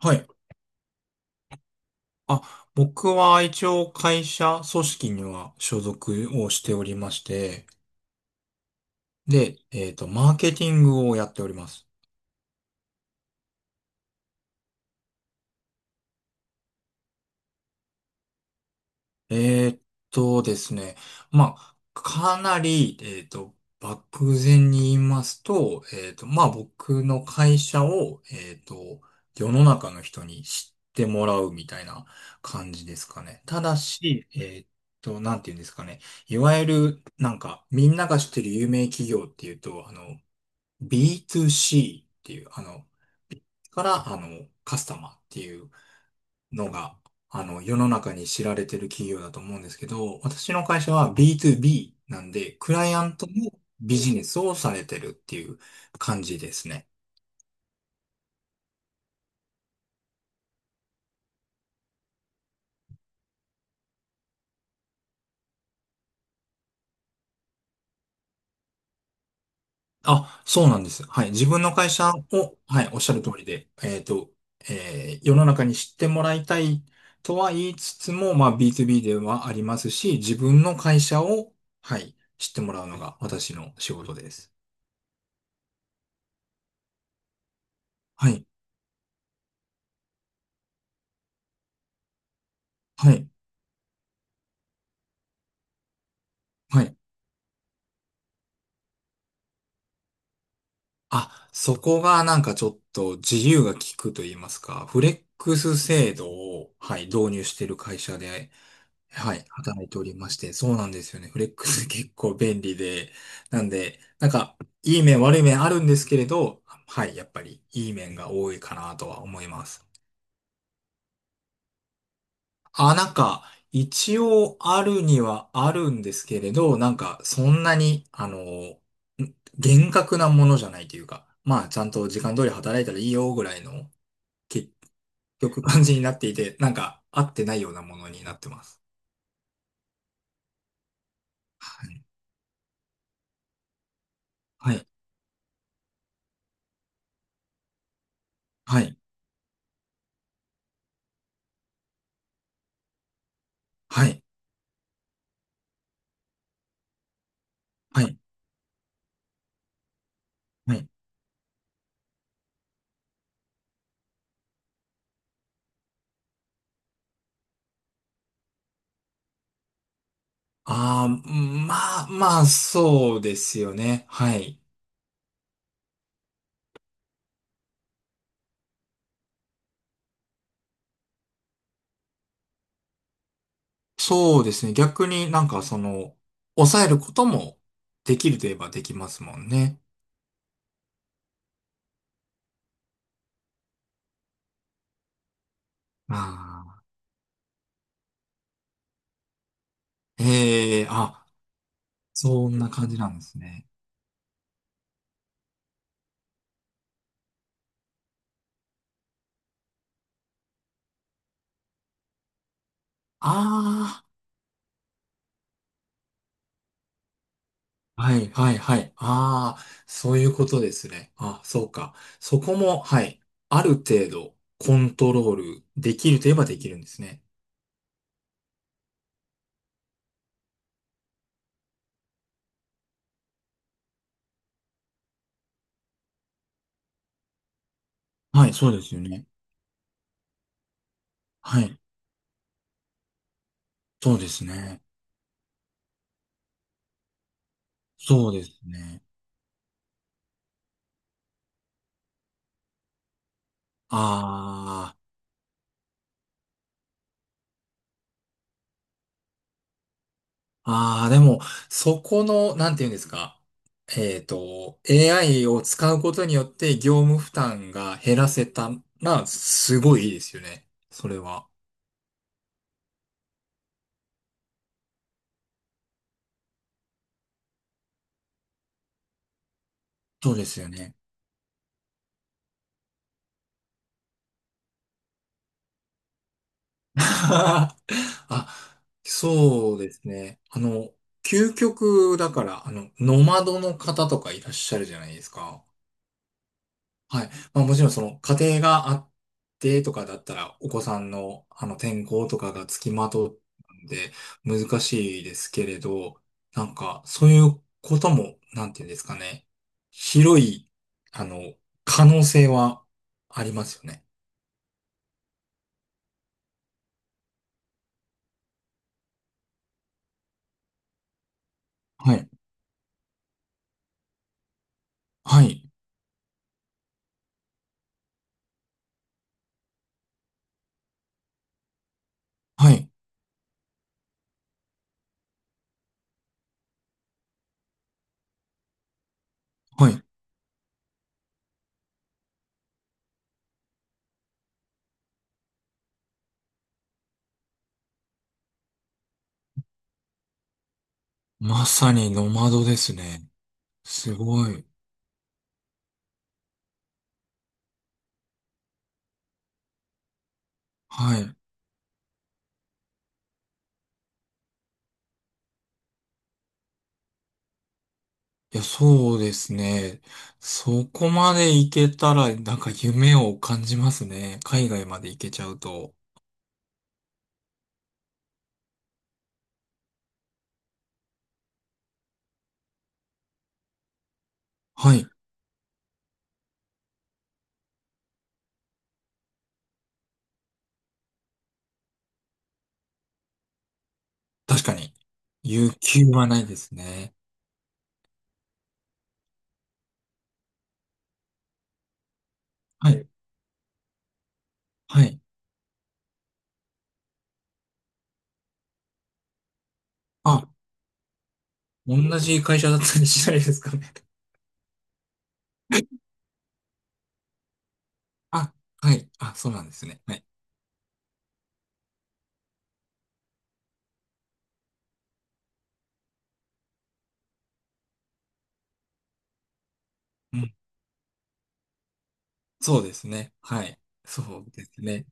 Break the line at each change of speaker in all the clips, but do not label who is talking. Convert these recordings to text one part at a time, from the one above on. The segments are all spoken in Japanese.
はい。あ、僕は一応会社組織には所属をしておりまして、で、マーケティングをやっております。えーっですね、まあ、かなり、漠然に言いますと、まあ、僕の会社を、世の中の人に知ってもらうみたいな感じですかね。ただし、なんて言うんですかね。いわゆる、なんか、みんなが知ってる有名企業っていうと、B2C っていう、から、カスタマーっていうのが、世の中に知られてる企業だと思うんですけど、私の会社は B2B なんで、クライアントのビジネスをされてるっていう感じですね。あ、そうなんです。はい。自分の会社を、はい、おっしゃる通りで、えー世の中に知ってもらいたいとは言いつつも、まあ B2B ではありますし、自分の会社を、はい、知ってもらうのが私の仕事です。はい、はい、はい。あ、そこがなんかちょっと自由が利くと言いますか、フレックス制度を、はい、導入している会社で、はい、働いておりまして、そうなんですよね。フレックス結構便利で、なんで、なんか、いい面悪い面あるんですけれど、はい、やっぱりいい面が多いかなとは思います。あ、なんか、一応あるにはあるんですけれど、なんか、そんなに、厳格なものじゃないというか、まあ、ちゃんと時間通り働いたらいいよぐらいの、結局感じになっていて、なんか、合ってないようなものになってます。はい。はい。はい。はい。はい。はい。ああ、まあ、まあ、そうですよね。はい。そうですね。逆になんか、その、抑えることもできるといえばできますもんね。ああ。へえ、あ、そんな感じなんですね。ああ、はい、はい、はい。ああ、そういうことですね。あ、そうか。そこも、はい。ある程度、コントロールできるといえばできるんですね。はい、そうですよね。はい、そうですね。そうですね。ああ、ああ、でも、そこの、なんていうんですか。AI を使うことによって業務負担が減らせたら、すごいいいですよね。それは。そうですよね。あ、そうですね。究極だから、ノマドの方とかいらっしゃるじゃないですか。はい。まあもちろんその家庭があってとかだったら、お子さんのあの転校とかがつきまとうんで難しいですけれど、なんかそういうことも、なんていうんですかね。広い、あの、可能性はありますよね。はい。はい。はい。はい。まさにノマドですね。すごい。はい。いや、そうですね。そこまで行けたら、なんか夢を感じますね。海外まで行けちゃうと。はい。確かに。有給はないですね。はい。はい。あ、同じ会社だったりしないですかね。あ、はい。あ、そうなんですね。はい。うん。そうですね。はい。そうですね。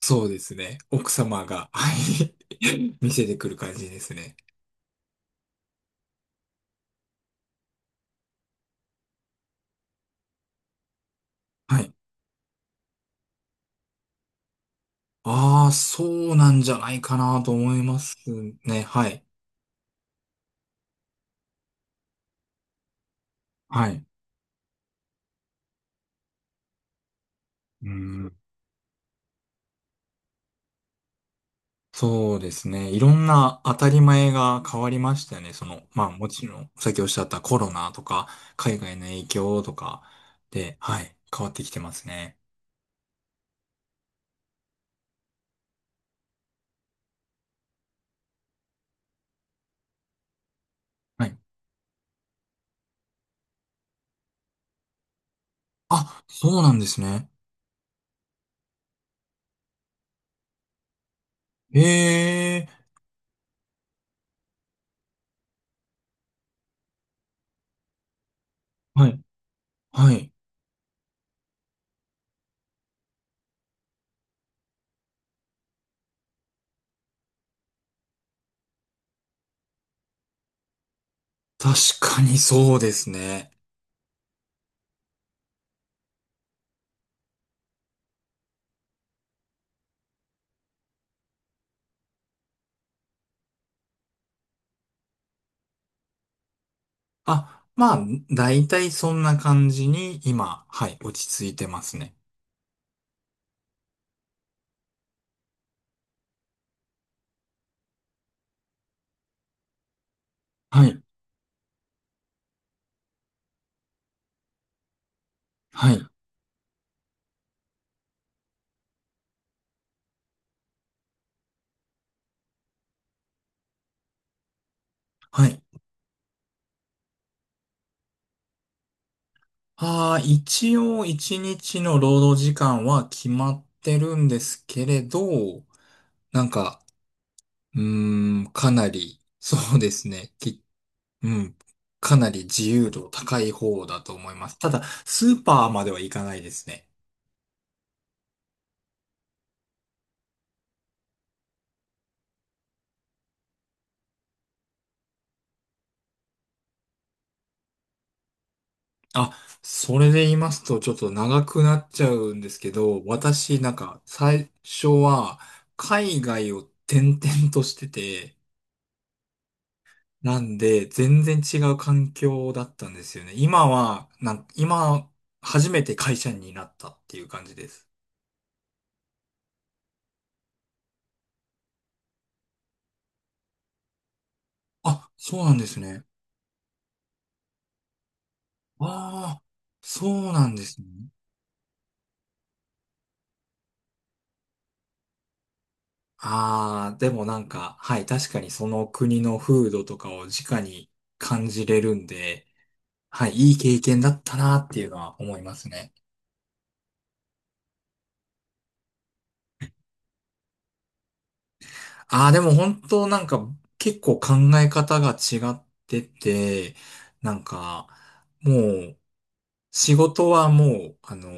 そうですね。奥様が、はい。見せてくる感じですね。はいああ、そうなんじゃないかなと思いますね。はい。はい。うん。そうですね。いろんな当たり前が変わりましたよね。その、まあもちろん、さっきおっしゃったコロナとか、海外の影響とかで、はい、変わってきてますね。はい。あ、そうなんですね。ええ、はい。はい。確かにそうですね。あ、まあ、だいたいそんな感じに今、はい、落ち着いてますね。はい。はい。はい。ああ、一応一日の労働時間は決まってるんですけれど、なんか、うーん、かなり、そうですね、き、うん、かなり自由度高い方だと思います。ただ、スーパーまでは行かないですね。あ、それで言いますと、ちょっと長くなっちゃうんですけど、私、なんか、最初は、海外を転々としてて、なんで、全然違う環境だったんですよね。今は、なん、今、初めて会社員になったっていう感じです。あ、そうなんですね。ああ、そうなんですね。ああ、でもなんか、はい、確かにその国の風土とかを直に感じれるんで、はい、いい経験だったなっていうのは思いますね。ああ、でも本当なんか結構考え方が違ってて、なんかもう仕事はもう、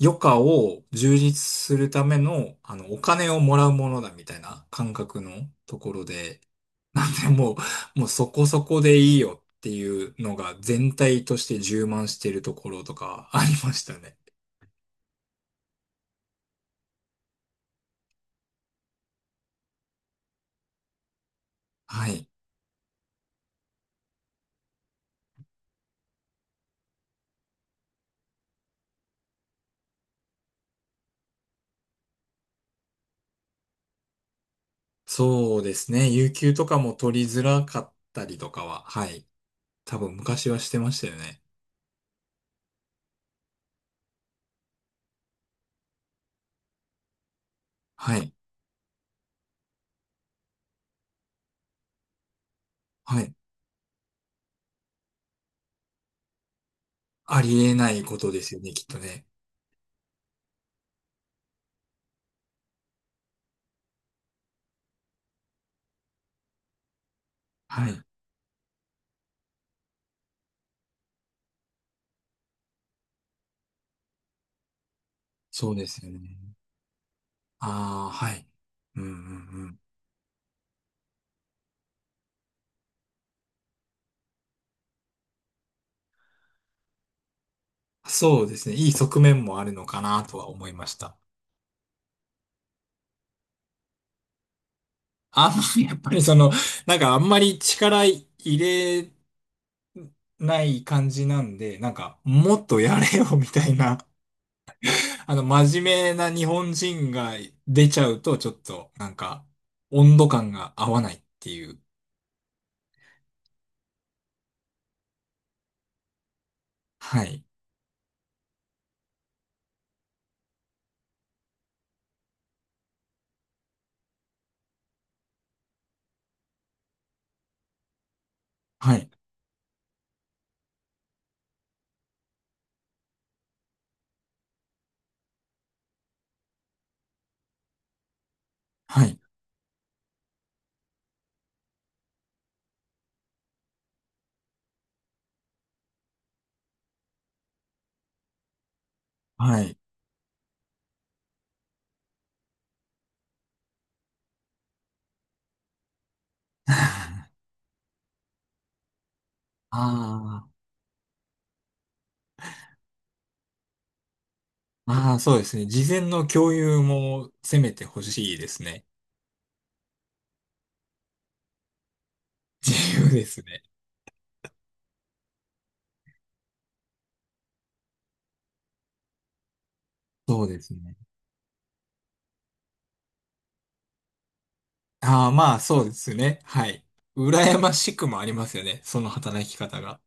余暇を充実するための、お金をもらうものだみたいな感覚のところで、なんでもう、もうそこそこでいいよっていうのが全体として充満しているところとかありましたね。はい。そうですね。有給とかも取りづらかったりとかは、はい。多分昔はしてましたよね。はい。はい。ありえないことですよね、きっとね。はい。そうですよね。ああ、はい。うんうんうん。そうですね。いい側面もあるのかなとは思いました。あんまり、やっぱりその、なんかあんまり力入れない感じなんで、なんかもっとやれよみたいな、真面目な日本人が出ちゃうと、ちょっと、なんか、温度感が合わないっていう。はい。はい。はい。はい。ああ、ああ、そうですね。事前の共有もせめてほしいですね。自由ですね。そうですね。ああ、まあ、そうですね。はい。羨ましくもありますよね。その働き方が。